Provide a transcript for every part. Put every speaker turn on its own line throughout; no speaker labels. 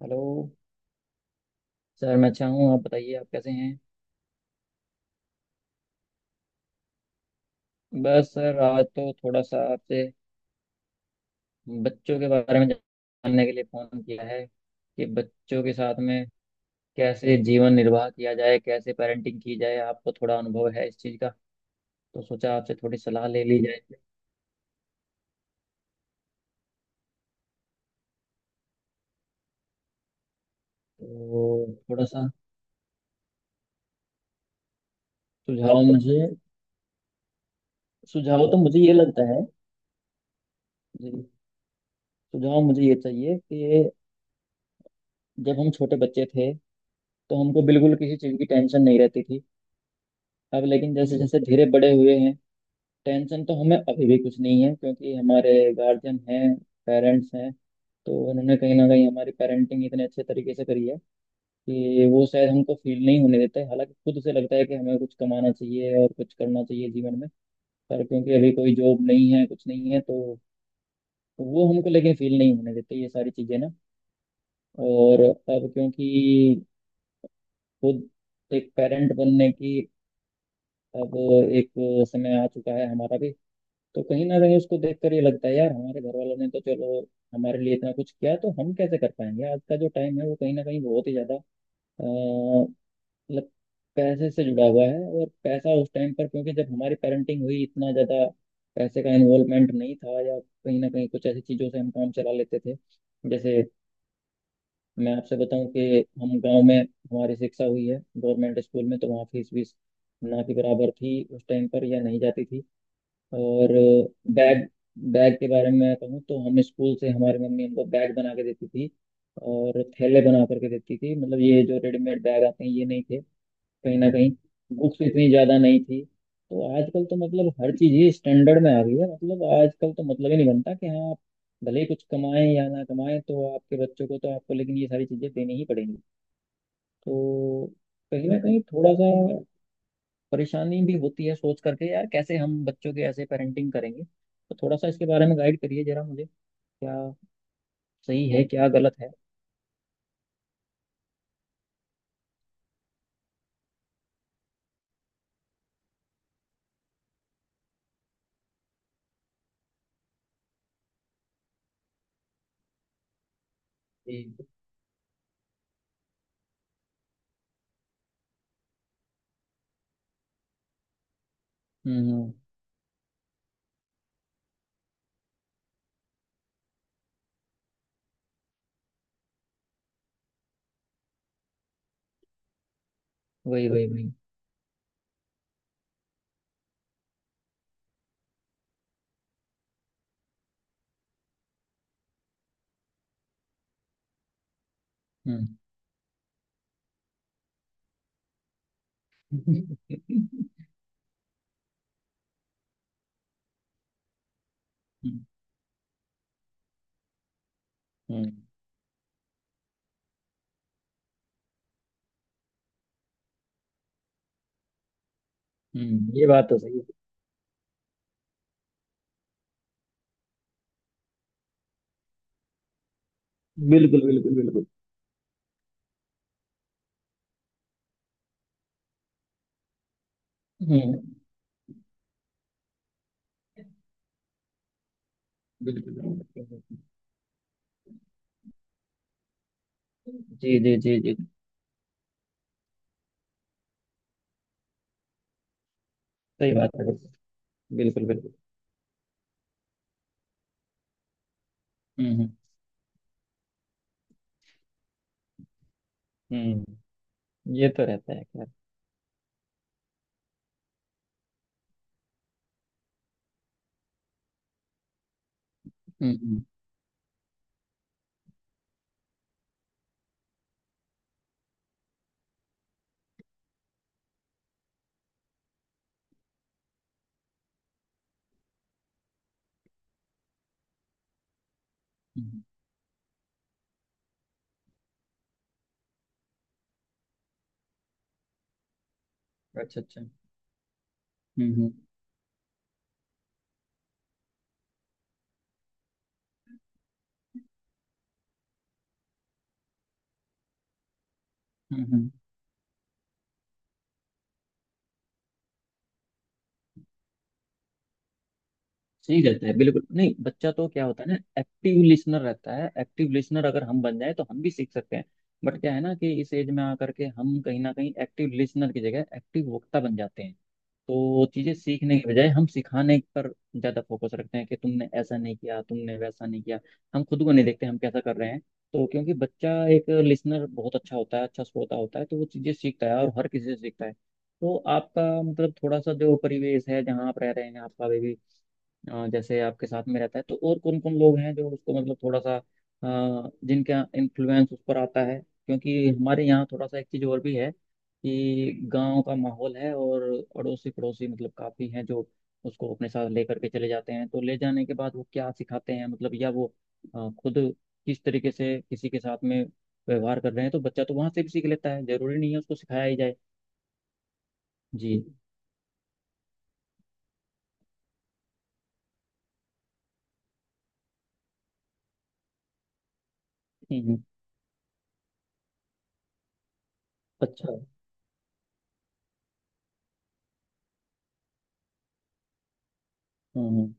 Hello sir. मैं अच्छा हूँ, आप बताइए आप कैसे हैं। बस सर आज तो थोड़ा सा आपसे बच्चों के बारे में जानने के लिए फ़ोन किया है कि बच्चों के साथ में कैसे जीवन निर्वाह किया जाए, कैसे पेरेंटिंग की जाए। आपको थोड़ा अनुभव है इस चीज़ का तो सोचा आपसे थोड़ी सलाह ले ली जाए। तो थोड़ा सा सुझाव मुझे सुझाव तो मुझे ये लगता है। जी, सुझाव मुझे ये चाहिए कि जब हम छोटे बच्चे थे तो हमको बिल्कुल किसी चीज़ की टेंशन नहीं रहती थी। अब लेकिन जैसे जैसे धीरे बड़े हुए हैं, टेंशन तो हमें अभी भी कुछ नहीं है क्योंकि हमारे गार्जियन हैं, पेरेंट्स हैं। तो उन्होंने कहीं ना कहीं हमारी पेरेंटिंग इतने अच्छे तरीके से करी है कि वो शायद हमको फील नहीं होने देते, हालांकि खुद से लगता है कि हमें कुछ कमाना चाहिए और कुछ करना चाहिए जीवन में। पर क्योंकि अभी कोई जॉब नहीं है, कुछ नहीं है, तो वो हमको लेकिन फील नहीं होने देते ये सारी चीज़ें ना। और अब क्योंकि खुद एक पेरेंट बनने की अब एक समय आ चुका है हमारा भी। तो कहीं ना कहीं उसको देखकर ये लगता है यार, हमारे घर वालों ने तो चलो हमारे लिए इतना कुछ किया, तो हम कैसे कर पाएंगे। आज का जो टाइम है वो कहीं ना कहीं बहुत ही ज्यादा मतलब पैसे से जुड़ा हुआ है। और पैसा उस टाइम पर, क्योंकि जब हमारी पेरेंटिंग हुई, इतना ज्यादा पैसे का इन्वॉल्वमेंट नहीं था, या कहीं ना कहीं कुछ ऐसी चीजों से हम काम चला लेते थे। जैसे मैं आपसे बताऊं कि हम गांव में, हमारी शिक्षा हुई है गवर्नमेंट स्कूल में, तो वहाँ फीस वीस ना के बराबर थी उस टाइम पर, या नहीं जाती थी। और बैग बैग के बारे में मैं कहूँ तो हम स्कूल से, हमारी मम्मी हमको बैग बना के देती थी और थैले बना करके देती थी। मतलब ये जो रेडीमेड बैग आते हैं, ये नहीं थे। कहीं ना कहीं बुक्स इतनी ज़्यादा नहीं थी, तो आजकल तो मतलब हर चीज़ ही स्टैंडर्ड में आ गई है। मतलब आजकल तो मतलब ही नहीं बनता कि हाँ, आप भले ही कुछ कमाएं या ना कमाएं, तो आपके बच्चों को तो आपको लेकिन ये सारी चीज़ें देनी ही पड़ेंगी। तो कहीं ना कहीं थोड़ा सा परेशानी भी होती है सोच करके, यार कैसे हम बच्चों के ऐसे पेरेंटिंग करेंगे। तो थोड़ा सा इसके बारे में गाइड करिए जरा मुझे, क्या सही है क्या गलत है। जी। हम्म। वही वही वही। हम्म। हम्म। हम्म। ये बात तो सही है। बिल्कुल बिल्कुल बिल्कुल। हम्म। बिल्कुल बिल्कुल। जी जी जी जी। सही बात है। बिल्कुल बिल्कुल। हम्म। हम्म। हम्म, ये तो रहता है खैर। हम्म। हम्म। हम्म, अच्छा अच्छा। हम्म। हम्म। हम्म। हम्म। सही रहता है बिल्कुल। नहीं बच्चा तो क्या होता है ना, एक्टिव लिसनर रहता है। एक्टिव लिसनर अगर हम बन जाए तो हम भी सीख सकते हैं। बट क्या है ना कि इस एज में आकर के हम कहीं ना कहीं एक्टिव लिसनर की जगह एक्टिव वक्ता बन जाते हैं। तो चीजें सीखने के बजाय हम सिखाने पर ज्यादा फोकस रखते हैं कि तुमने ऐसा नहीं किया, तुमने वैसा नहीं किया। हम खुद को नहीं देखते हम कैसा कर रहे हैं। तो क्योंकि बच्चा एक लिसनर बहुत अच्छा होता है, अच्छा श्रोता होता है, तो वो चीजें सीखता है और हर किसी से सीखता है। तो आपका मतलब थोड़ा सा जो परिवेश है जहाँ आप रह रहे हैं आपका भी, जैसे आपके साथ में रहता है तो और कौन कौन लोग हैं जो उसको मतलब थोड़ा सा जिनका इन्फ्लुएंस उस पर आता है, क्योंकि हमारे यहाँ थोड़ा सा एक चीज़ और भी है कि गांव का माहौल है और अड़ोसी पड़ोसी मतलब काफ़ी हैं जो उसको अपने साथ लेकर के चले जाते हैं। तो ले जाने के बाद वो क्या सिखाते हैं, मतलब या वो खुद किस तरीके से किसी के साथ में व्यवहार कर रहे हैं, तो बच्चा तो वहां से भी सीख लेता है। जरूरी नहीं है उसको सिखाया ही जाए। जी। हम्म। अच्छा। हम्म। हम्म।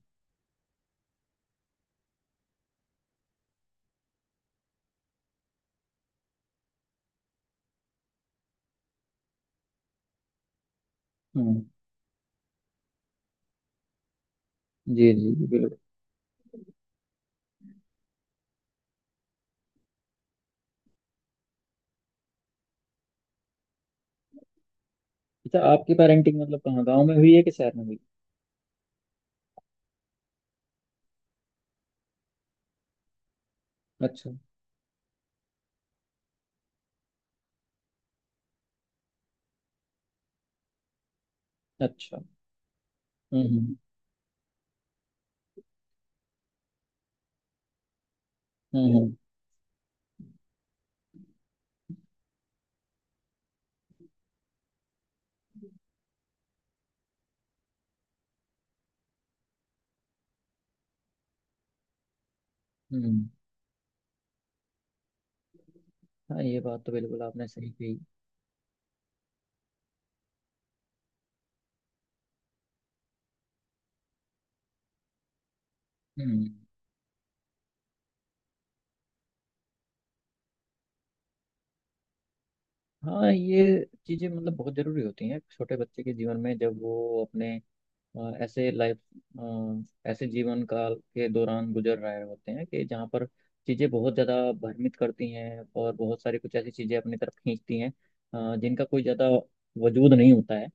हम्म, जी जी जी बिल्कुल। अच्छा, आपकी पेरेंटिंग मतलब कहाँ, गाँव में हुई है कि शहर में हुई। अच्छा अच्छा। हम्म। हम्म। हम्म। हम्म। हाँ, ये बात तो बिल्कुल आपने सही कही। हम्म। हाँ ये चीज़ें मतलब बहुत ज़रूरी होती हैं छोटे बच्चे के जीवन में, जब वो अपने अ, ऐसे लाइफ ऐसे जीवन काल के दौरान गुजर रहे होते हैं, कि जहाँ पर चीज़ें बहुत ज़्यादा भ्रमित करती हैं और बहुत सारी कुछ ऐसी चीज़ें अपनी तरफ खींचती हैं, जिनका कोई ज़्यादा वजूद नहीं होता है।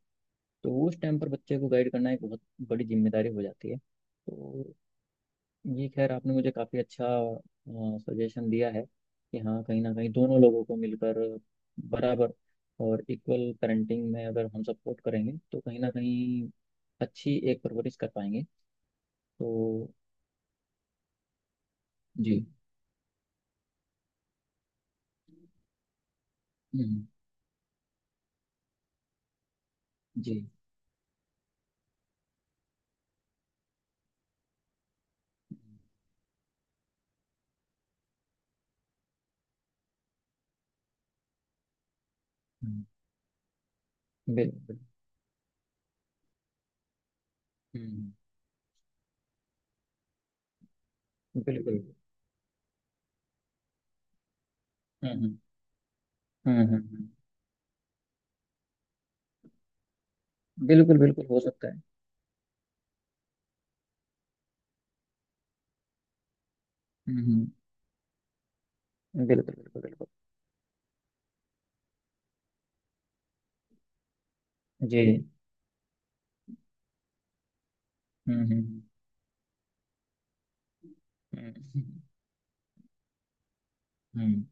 तो उस टाइम पर बच्चे को गाइड करना एक बहुत बड़ी जिम्मेदारी हो जाती है। तो ये खैर आपने मुझे काफ़ी अच्छा सजेशन दिया है कि हाँ कहीं ना कहीं दोनों लोगों को मिलकर, बराबर और इक्वल पेरेंटिंग में अगर हम सपोर्ट करेंगे तो कहीं ना कहीं अच्छी एक परवरिश कर पाएंगे। तो जी। हम्म, जी। हम्म, बिल्कुल बिल्कुल। हम्म, बिल्कुल। हम्म। हम्म। हम्म, हम्म, हम्म, बिल्कुल बिल्कुल हो सकता है। हम्म। बिल्कुल बिल्कुल बिल्कुल। जी। हम्म। हम्म। हम्म, हम्म।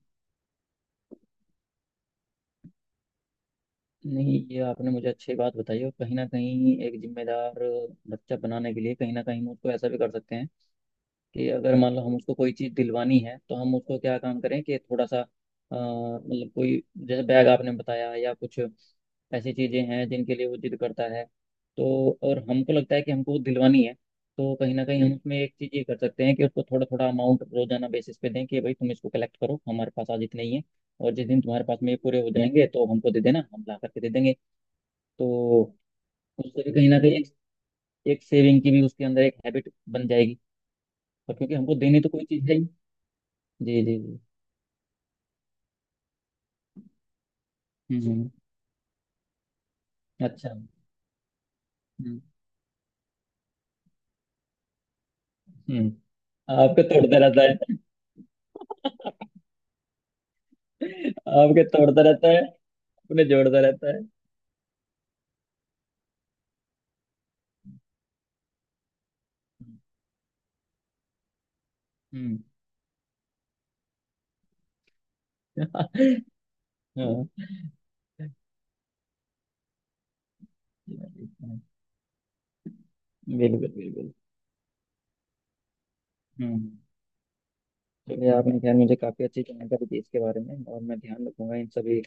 नहीं, ये आपने मुझे अच्छी बात बताई, और कहीं ना कहीं एक जिम्मेदार बच्चा बनाने के लिए कहीं ना कहीं हम उसको ऐसा भी कर सकते हैं कि अगर मान लो हम उसको कोई चीज़ दिलवानी है तो हम उसको क्या काम करें कि थोड़ा सा मतलब कोई, जैसे बैग आपने बताया या कुछ ऐसी चीज़ें हैं जिनके लिए वो जिद करता है, तो और हमको लगता है कि हमको वो दिलवानी है, तो कहीं ना कहीं हम उसमें एक चीज़ ये कर सकते हैं कि उसको थोड़ा थोड़ा अमाउंट रोजाना बेसिस पे दें कि भाई तुम इसको कलेक्ट करो, हमारे पास आज इतने ही है, और जिस दिन तुम्हारे पास में ये पूरे हो जाएंगे तो हमको दे देना, हम ला करके दे देंगे। तो उससे भी कहीं ना कहीं एक सेविंग की भी उसके अंदर एक हैबिट बन जाएगी, और क्योंकि हमको देनी तो कोई चीज़ है ही। जी जी जी। हम्म। अच्छा। हम्म। हम्म। आपके तोड़ता रहता है। आपके तोड़ता रहता है। अपने जोड़ता रहता है। हम्म। हाँ। बिल्कुल बिल्कुल। हम्म। चलिए आपने खैर मुझे काफ़ी अच्छी जानकारी दी इसके बारे में, और मैं ध्यान रखूंगा इन सभी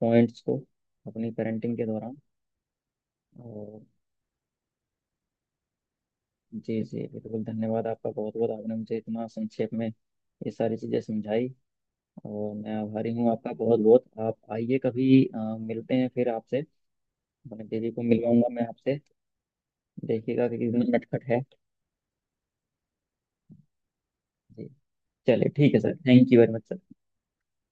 पॉइंट्स को अपनी पेरेंटिंग के दौरान। और जी जी बिल्कुल, धन्यवाद आपका बहुत बहुत, आपने मुझे इतना संक्षेप में ये सारी चीज़ें समझाई, और मैं आभारी हूँ आपका बहुत बहुत। आप आइए कभी, मिलते हैं फिर आपसे। हाँ, दीदी को मिलवाऊंगा मैं आपसे, देखिएगा कि कितना नटखट है। जी। चलिए ठीक है sir. Thank you very much sir.